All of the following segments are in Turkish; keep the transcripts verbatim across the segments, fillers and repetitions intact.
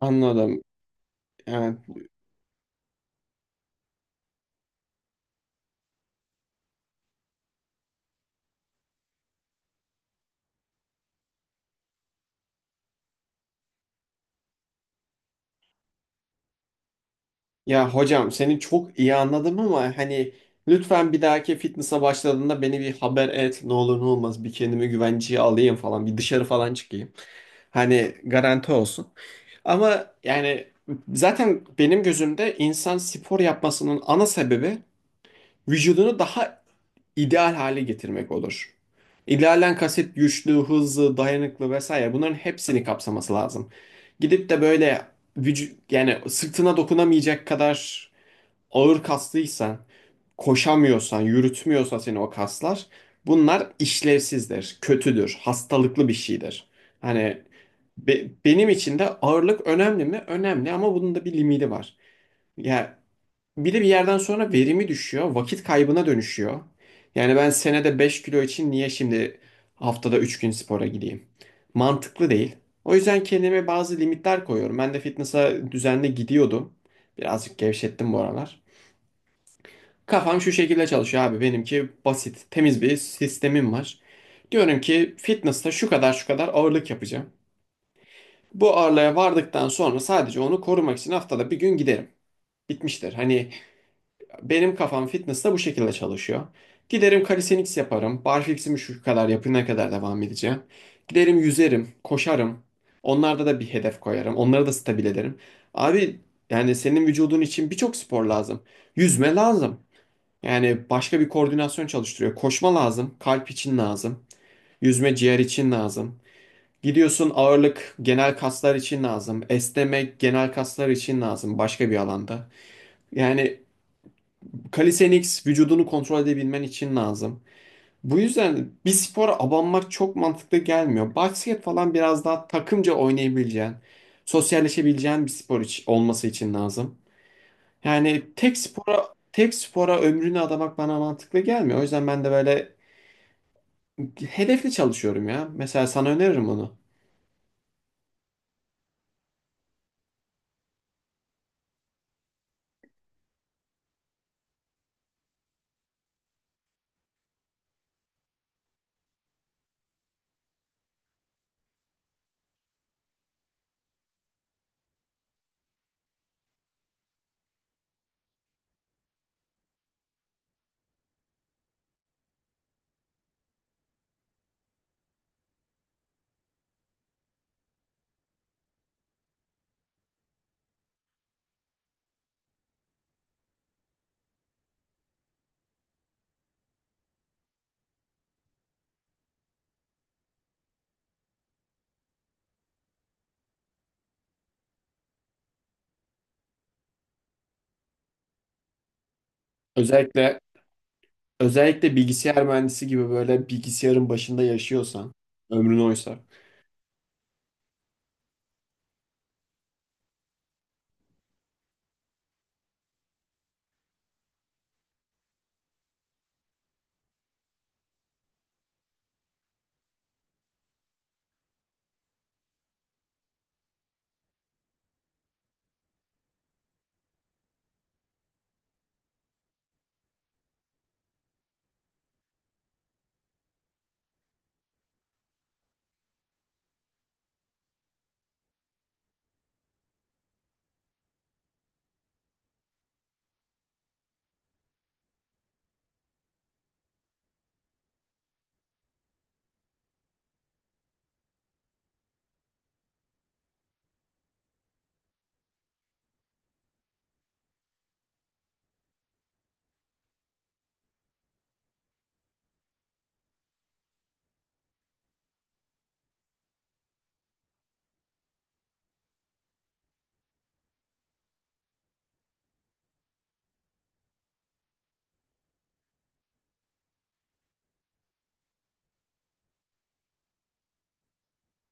Anladım. Yani, ya hocam seni çok iyi anladım ama hani lütfen bir dahaki fitness'a başladığında beni bir haber et. Ne olur ne olmaz bir kendimi güvenceye alayım falan. Bir dışarı falan çıkayım. Hani garanti olsun. Ama yani zaten benim gözümde insan spor yapmasının ana sebebi vücudunu daha ideal hale getirmek olur. İdealen kasıt güçlü, hızlı, dayanıklı vesaire bunların hepsini kapsaması lazım. Gidip de böyle vücut yani sırtına dokunamayacak kadar ağır kaslıysan, koşamıyorsan, yürütmüyorsa seni o kaslar bunlar işlevsizdir, kötüdür, hastalıklı bir şeydir. Hani be- benim için de ağırlık önemli mi? Önemli ama bunun da bir limiti var. Ya bir de bir yerden sonra verimi düşüyor, vakit kaybına dönüşüyor. Yani ben senede beş kilo için niye şimdi haftada üç gün spora gideyim? Mantıklı değil. O yüzden kendime bazı limitler koyuyorum. Ben de fitness'a düzenli gidiyordum. Birazcık gevşettim bu aralar. Kafam şu şekilde çalışıyor abi. Benimki basit, temiz bir sistemim var. Diyorum ki fitness'ta şu kadar şu kadar ağırlık yapacağım. Bu ağırlığa vardıktan sonra sadece onu korumak için haftada bir gün giderim. Bitmiştir. Hani benim kafam fitness da bu şekilde çalışıyor. Giderim calisthenics yaparım. Barfix'imi şu kadar yapana kadar devam edeceğim. Giderim yüzerim, koşarım. Onlarda da bir hedef koyarım. Onları da stabil ederim. Abi yani senin vücudun için birçok spor lazım. Yüzme lazım. Yani başka bir koordinasyon çalıştırıyor. Koşma lazım, kalp için lazım. Yüzme ciğer için lazım. Gidiyorsun ağırlık genel kaslar için lazım. Esnemek genel kaslar için lazım başka bir alanda. Yani calisthenics vücudunu kontrol edebilmen için lazım. Bu yüzden bir spora abanmak çok mantıklı gelmiyor. Basket falan biraz daha takımca oynayabileceğin, sosyalleşebileceğin bir spor iç- olması için lazım. Yani tek spora tek spora ömrünü adamak bana mantıklı gelmiyor. O yüzden ben de böyle hedefli çalışıyorum ya. Mesela sana öneririm onu. Özellikle Özellikle bilgisayar mühendisi gibi böyle bilgisayarın başında yaşıyorsan, ömrün oysa.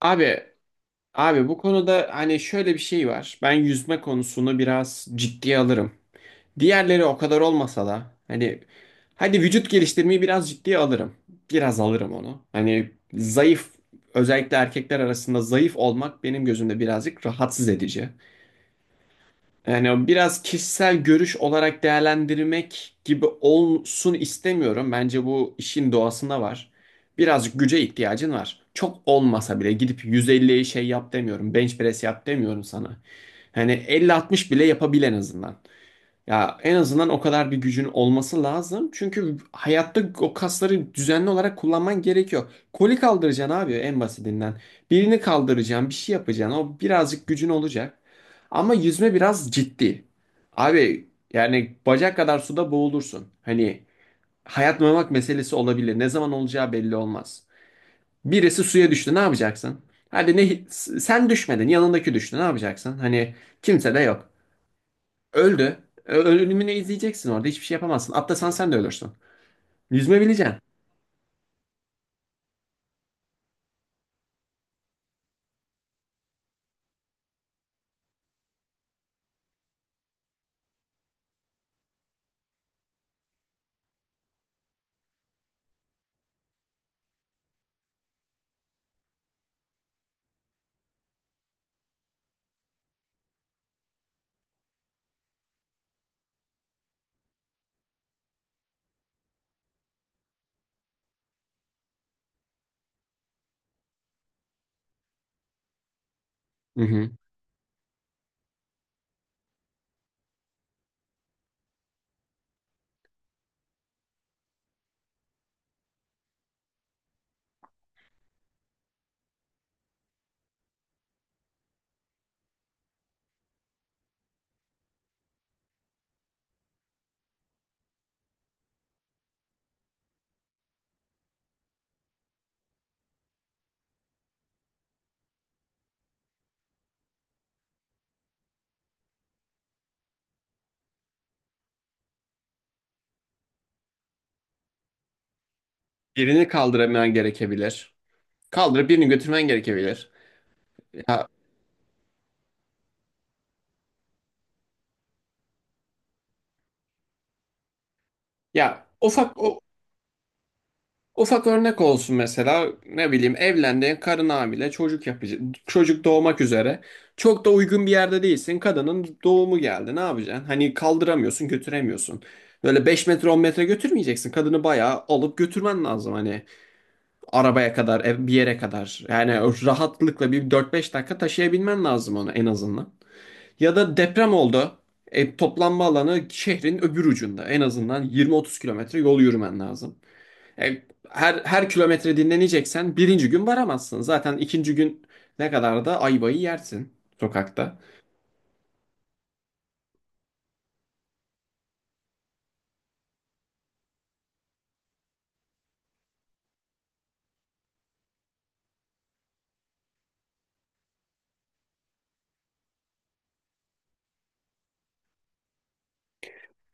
Abi, abi bu konuda hani şöyle bir şey var. Ben yüzme konusunu biraz ciddiye alırım. Diğerleri o kadar olmasa da hani hadi vücut geliştirmeyi biraz ciddiye alırım. Biraz alırım onu. Hani zayıf özellikle erkekler arasında zayıf olmak benim gözümde birazcık rahatsız edici. Yani o biraz kişisel görüş olarak değerlendirmek gibi olsun istemiyorum. Bence bu işin doğasında var. Birazcık güce ihtiyacın var. Çok olmasa bile gidip yüz elliye şey yap demiyorum. Bench press yap demiyorum sana. Hani elli altmış bile yapabil en azından. Ya en azından o kadar bir gücün olması lazım. Çünkü hayatta o kasları düzenli olarak kullanman gerekiyor. Koli kaldıracaksın abi en basitinden. Birini kaldıracaksın, bir şey yapacaksın. O birazcık gücün olacak. Ama yüzme biraz ciddi. Abi yani bacak kadar suda boğulursun. Hani hayat memak meselesi olabilir. Ne zaman olacağı belli olmaz. Birisi suya düştü ne yapacaksın? Hadi ne sen düşmedin yanındaki düştü ne yapacaksın? Hani kimse de yok. Öldü. Ö- Ölümünü izleyeceksin orada. Hiçbir şey yapamazsın. Atlasan sen de ölürsün. Yüzme bileceksin. Hı hı. Birini kaldırman gerekebilir. Kaldırıp birini götürmen gerekebilir. Ya, ya ufak o, ufak örnek olsun mesela ne bileyim evlendiğin karın hamile çocuk yapacak, çocuk doğmak üzere, çok da uygun bir yerde değilsin, kadının doğumu geldi ne yapacaksın? Hani kaldıramıyorsun, götüremiyorsun, böyle beş metre on metre götürmeyeceksin kadını, bayağı alıp götürmen lazım hani, arabaya kadar, ev- bir yere kadar. Yani o rahatlıkla bir dört beş dakika taşıyabilmen lazım onu en azından. Ya da deprem oldu. E, toplanma alanı şehrin öbür ucunda. En azından yirmi otuz kilometre yol yürümen lazım. E, her, her kilometre dinleneceksen birinci gün varamazsın. Zaten ikinci gün ne kadar da ayvayı yersin sokakta.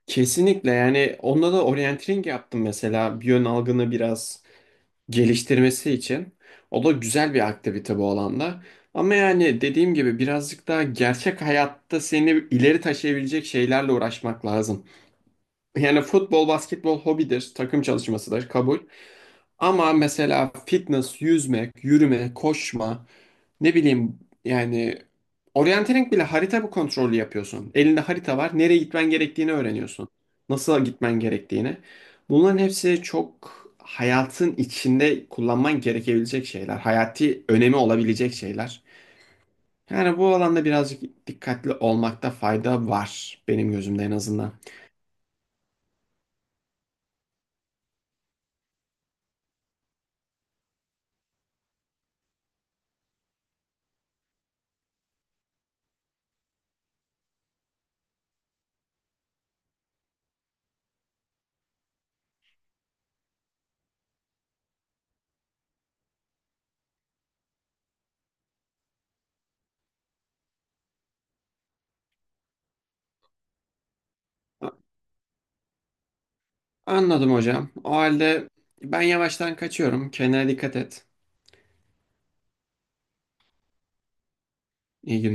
Kesinlikle yani onda da orienteering yaptım mesela. Bir yön algını biraz geliştirmesi için. O da güzel bir aktivite bu alanda. Ama yani dediğim gibi birazcık daha gerçek hayatta seni ileri taşıyabilecek şeylerle uğraşmak lazım. Yani futbol, basketbol hobidir, takım çalışmasıdır, kabul. Ama mesela fitness, yüzmek, yürüme, koşma, ne bileyim yani orientering bile harita bu kontrolü yapıyorsun. Elinde harita var, nereye gitmen gerektiğini öğreniyorsun. Nasıl gitmen gerektiğini. Bunların hepsi çok hayatın içinde kullanman gerekebilecek şeyler. Hayati önemi olabilecek şeyler. Yani bu alanda birazcık dikkatli olmakta fayda var benim gözümde en azından. Anladım hocam. O halde ben yavaştan kaçıyorum. Kendine dikkat et. İyi günler.